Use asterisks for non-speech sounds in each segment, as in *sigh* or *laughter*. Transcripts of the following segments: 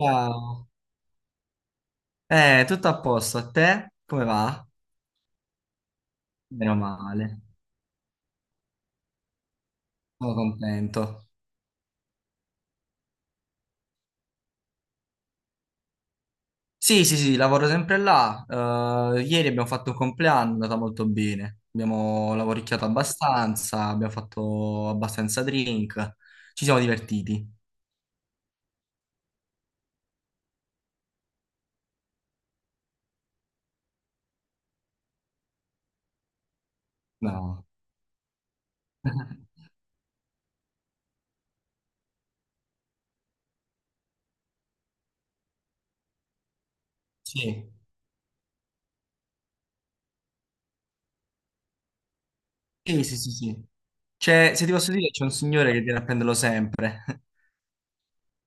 Ciao. Tutto a posto, a te? Come va? Meno male, sono contento. Sì, sì, sì, lavoro sempre là. Ieri abbiamo fatto un compleanno, è andata molto bene. Abbiamo lavoricchiato abbastanza, abbiamo fatto abbastanza drink, ci siamo divertiti. No. *laughs* Sì, sì, sì, sì, sì. Se ti posso dire, c'è un signore che viene a prenderlo sempre.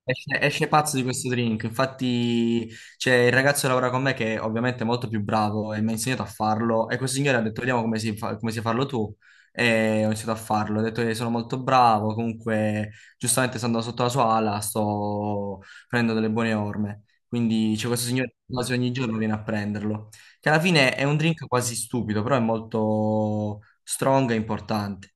Esce, esce pazzo di questo drink. Infatti c'è il ragazzo che lavora con me che ovviamente è molto più bravo e mi ha insegnato a farlo, e questo signore ha detto vediamo come si fa, come sai farlo tu, e ho iniziato a farlo, ho detto che sono molto bravo. Comunque giustamente stando sotto la sua ala sto prendendo delle buone orme, quindi c'è questo signore che quasi ogni giorno viene a prenderlo, che alla fine è un drink quasi stupido però è molto strong e importante.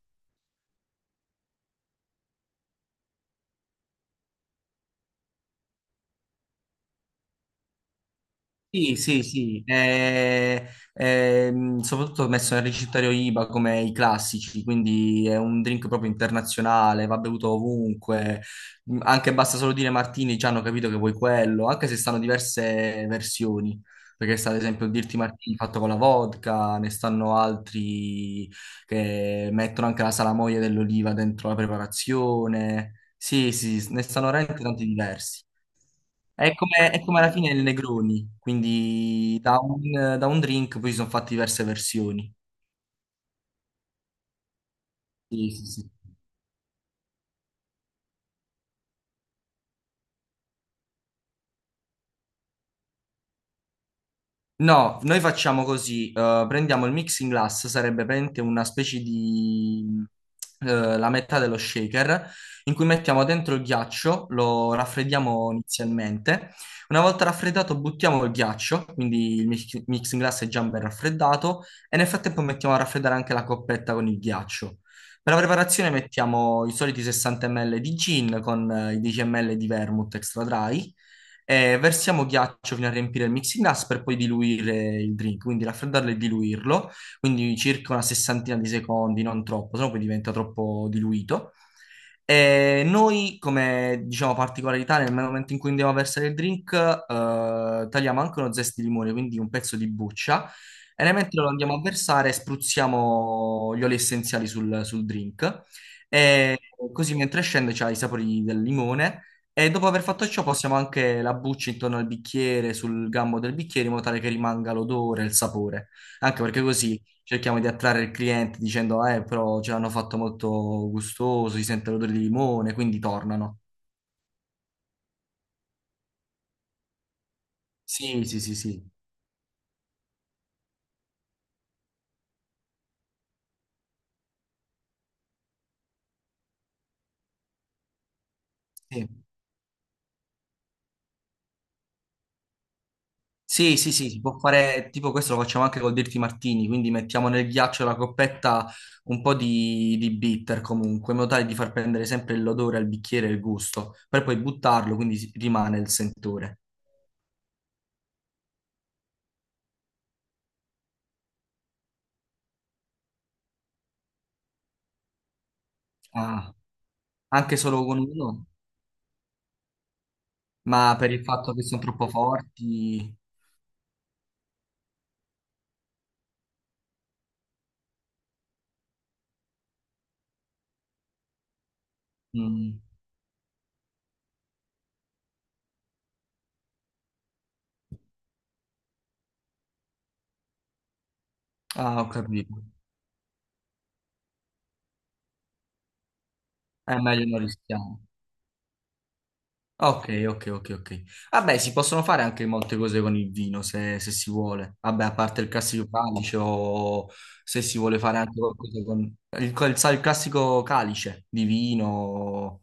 Sì, sì, sì, soprattutto ho messo nel ricettario IBA come i classici, quindi è un drink proprio internazionale, va bevuto ovunque. Mm, anche basta solo dire Martini, già hanno capito che vuoi quello, anche se stanno diverse versioni, perché sta ad esempio il Dirty Martini fatto con la vodka. Ne stanno altri che mettono anche la salamoia dell'oliva dentro la preparazione. Sì, sì, ne stanno veramente tanti diversi. È come alla fine il Negroni, quindi da un drink poi si sono fatte diverse versioni. Sì, sì, sì. No, noi facciamo così. Prendiamo il mixing glass, sarebbe praticamente una specie di la metà dello shaker, in cui mettiamo dentro il ghiaccio, lo raffreddiamo inizialmente. Una volta raffreddato buttiamo il ghiaccio, quindi il mixing glass è già ben raffreddato, e nel frattempo mettiamo a raffreddare anche la coppetta con il ghiaccio. Per la preparazione mettiamo i soliti 60 ml di gin con i 10 ml di vermouth extra dry. Versiamo ghiaccio fino a riempire il mixing glass per poi diluire il drink, quindi raffreddarlo e diluirlo, quindi circa una sessantina di secondi, non troppo, sennò poi diventa troppo diluito. E noi, come diciamo particolarità, nel momento in cui andiamo a versare il drink, tagliamo anche uno zest di limone, quindi un pezzo di buccia, e nel mentre lo andiamo a versare, spruzziamo gli oli essenziali sul drink. E così mentre scende c'ha i sapori del limone, e dopo aver fatto ciò possiamo anche la buccia intorno al bicchiere, sul gambo del bicchiere, in modo tale che rimanga l'odore e il sapore. Anche perché così cerchiamo di attrarre il cliente dicendo, però ce l'hanno fatto molto gustoso, si sente l'odore di limone, quindi tornano. Sì, sì, sì, sì. Sì. Sì, sì, sì, si può fare, tipo questo lo facciamo anche col Dirty Martini, quindi mettiamo nel ghiaccio la coppetta un po' di bitter comunque, in modo tale di far prendere sempre l'odore al bicchiere e il gusto, per poi buttarlo, quindi rimane il sentore. Ah, anche solo con uno? Ma per il fatto che sono troppo forti? Mm. Ah, ho capito. È meglio non rischiamo. Ah, ok, ok, ok, ok. Vabbè, si possono fare anche molte cose con il vino se si vuole. Vabbè, a parte il classico calice, o se si vuole fare anche qualcosa con sai, il classico calice di vino,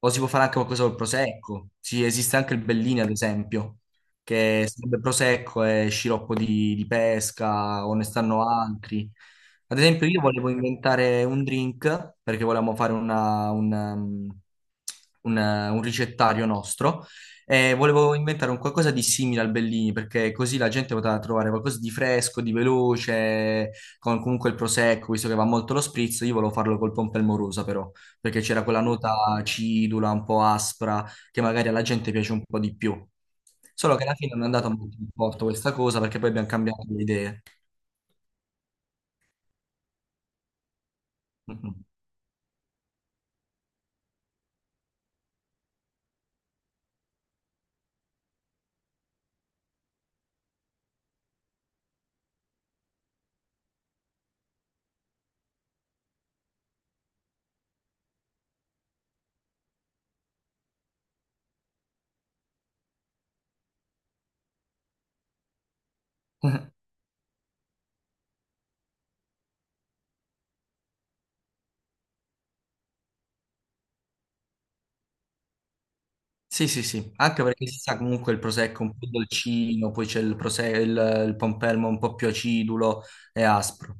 o si può fare anche qualcosa col prosecco. Sì, esiste anche il Bellini, ad esempio, che sarebbe prosecco e sciroppo di pesca, o ne stanno altri. Ad esempio, io volevo inventare un drink perché volevamo fare un ricettario nostro, e volevo inventare un qualcosa di simile al Bellini perché così la gente poteva trovare qualcosa di fresco, di veloce, con comunque il prosecco, visto che va molto lo spritz. Io volevo farlo col pompelmorosa però, perché c'era quella nota acidula, un po' aspra, che magari alla gente piace un po' di più. Solo che alla fine non è andata molto in porto questa cosa perché poi abbiamo cambiato le idee. *laughs* Sì, sì, sì, anche perché si sa comunque il prosecco un po' dolcino, poi c'è il pompelmo un po' più acidulo e aspro.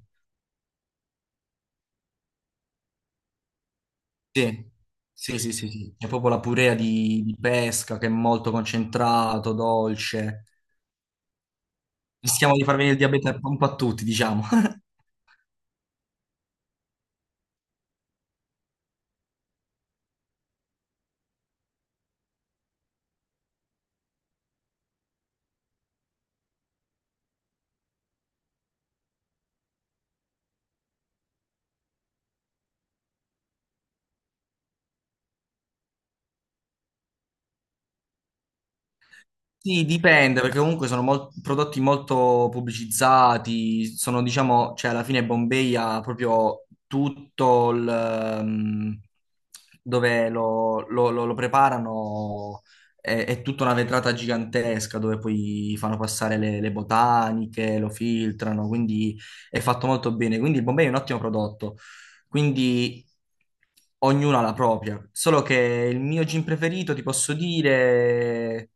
Sì, sì, sì, sì, sì. C'è proprio la purea di pesca che è molto concentrato, dolce. Rischiamo di far venire il diabete un po' a tutti, diciamo. *laughs* Sì, dipende, perché comunque sono prodotti molto pubblicizzati, sono, diciamo, cioè alla fine Bombay ha proprio tutto il... dove lo preparano, è tutta una vetrata gigantesca dove poi fanno passare le botaniche, lo filtrano, quindi è fatto molto bene. Quindi Bombay è un ottimo prodotto. Quindi ognuno ha la propria. Solo che il mio gin preferito, ti posso dire,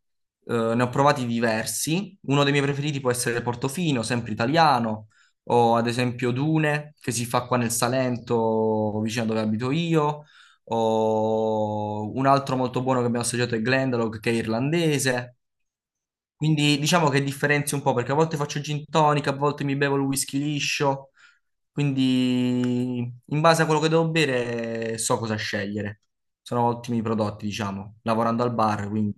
ne ho provati diversi. Uno dei miei preferiti può essere Portofino, sempre italiano, o ad esempio Dune, che si fa qua nel Salento, vicino a dove abito io. O un altro molto buono che abbiamo assaggiato è Glendalough, che è irlandese. Quindi diciamo che differenzio un po' perché a volte faccio gin tonic, a volte mi bevo il whisky liscio. Quindi in base a quello che devo bere so cosa scegliere. Sono ottimi prodotti, diciamo, lavorando al bar, quindi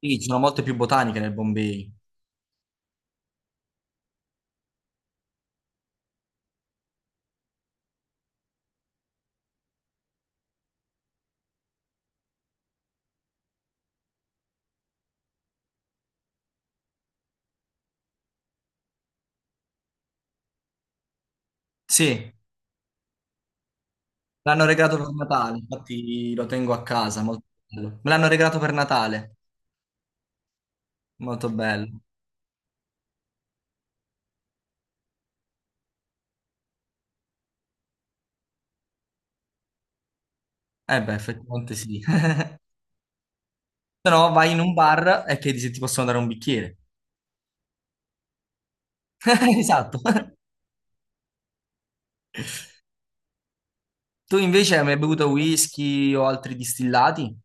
sì, ci sono molte più botaniche nel Bombay. Sì, l'hanno regalato per Natale, infatti lo tengo a casa, molto bello. Me l'hanno regalato per Natale, molto bello. Eh beh, effettivamente sì. *laughs* Se no vai in un bar e chiedi se ti possono dare un bicchiere. *laughs* Esatto. Tu invece hai mai bevuto whisky o altri distillati?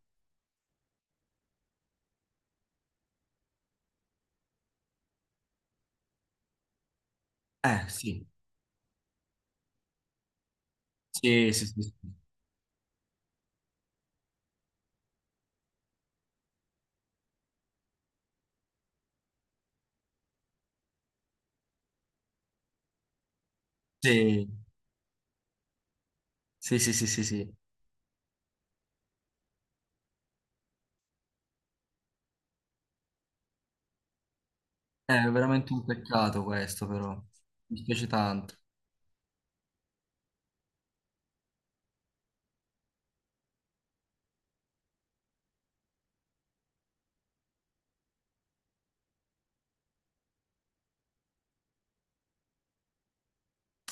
Sì. Sì, sì, sì, sì. Sì. Sì, sì, sì, sì, sì. È veramente un peccato questo, però. Mi spiace tanto.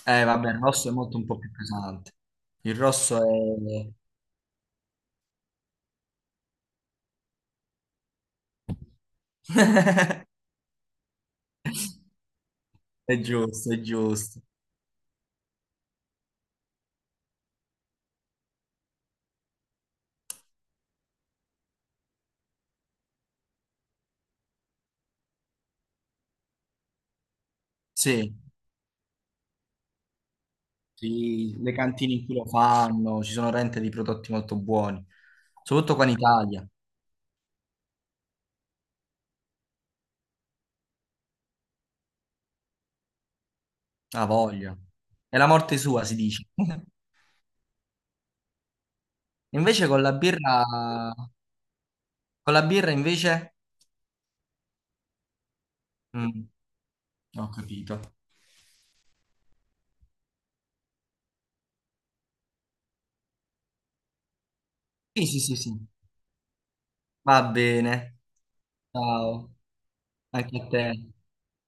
Vabbè, il rosso è molto un po' più pesante. Il rosso è giusto, è giusto. Sì, sì, le cantine in cui lo fanno, ci sono rente di prodotti molto buoni. Soprattutto qua in Italia. Ha voglia. È la morte sua, si dice. *laughs* Invece con la birra... Con la birra, invece... Mm, ho capito. Sì, sì, sì, sì. Va bene. Ciao. Anche a te.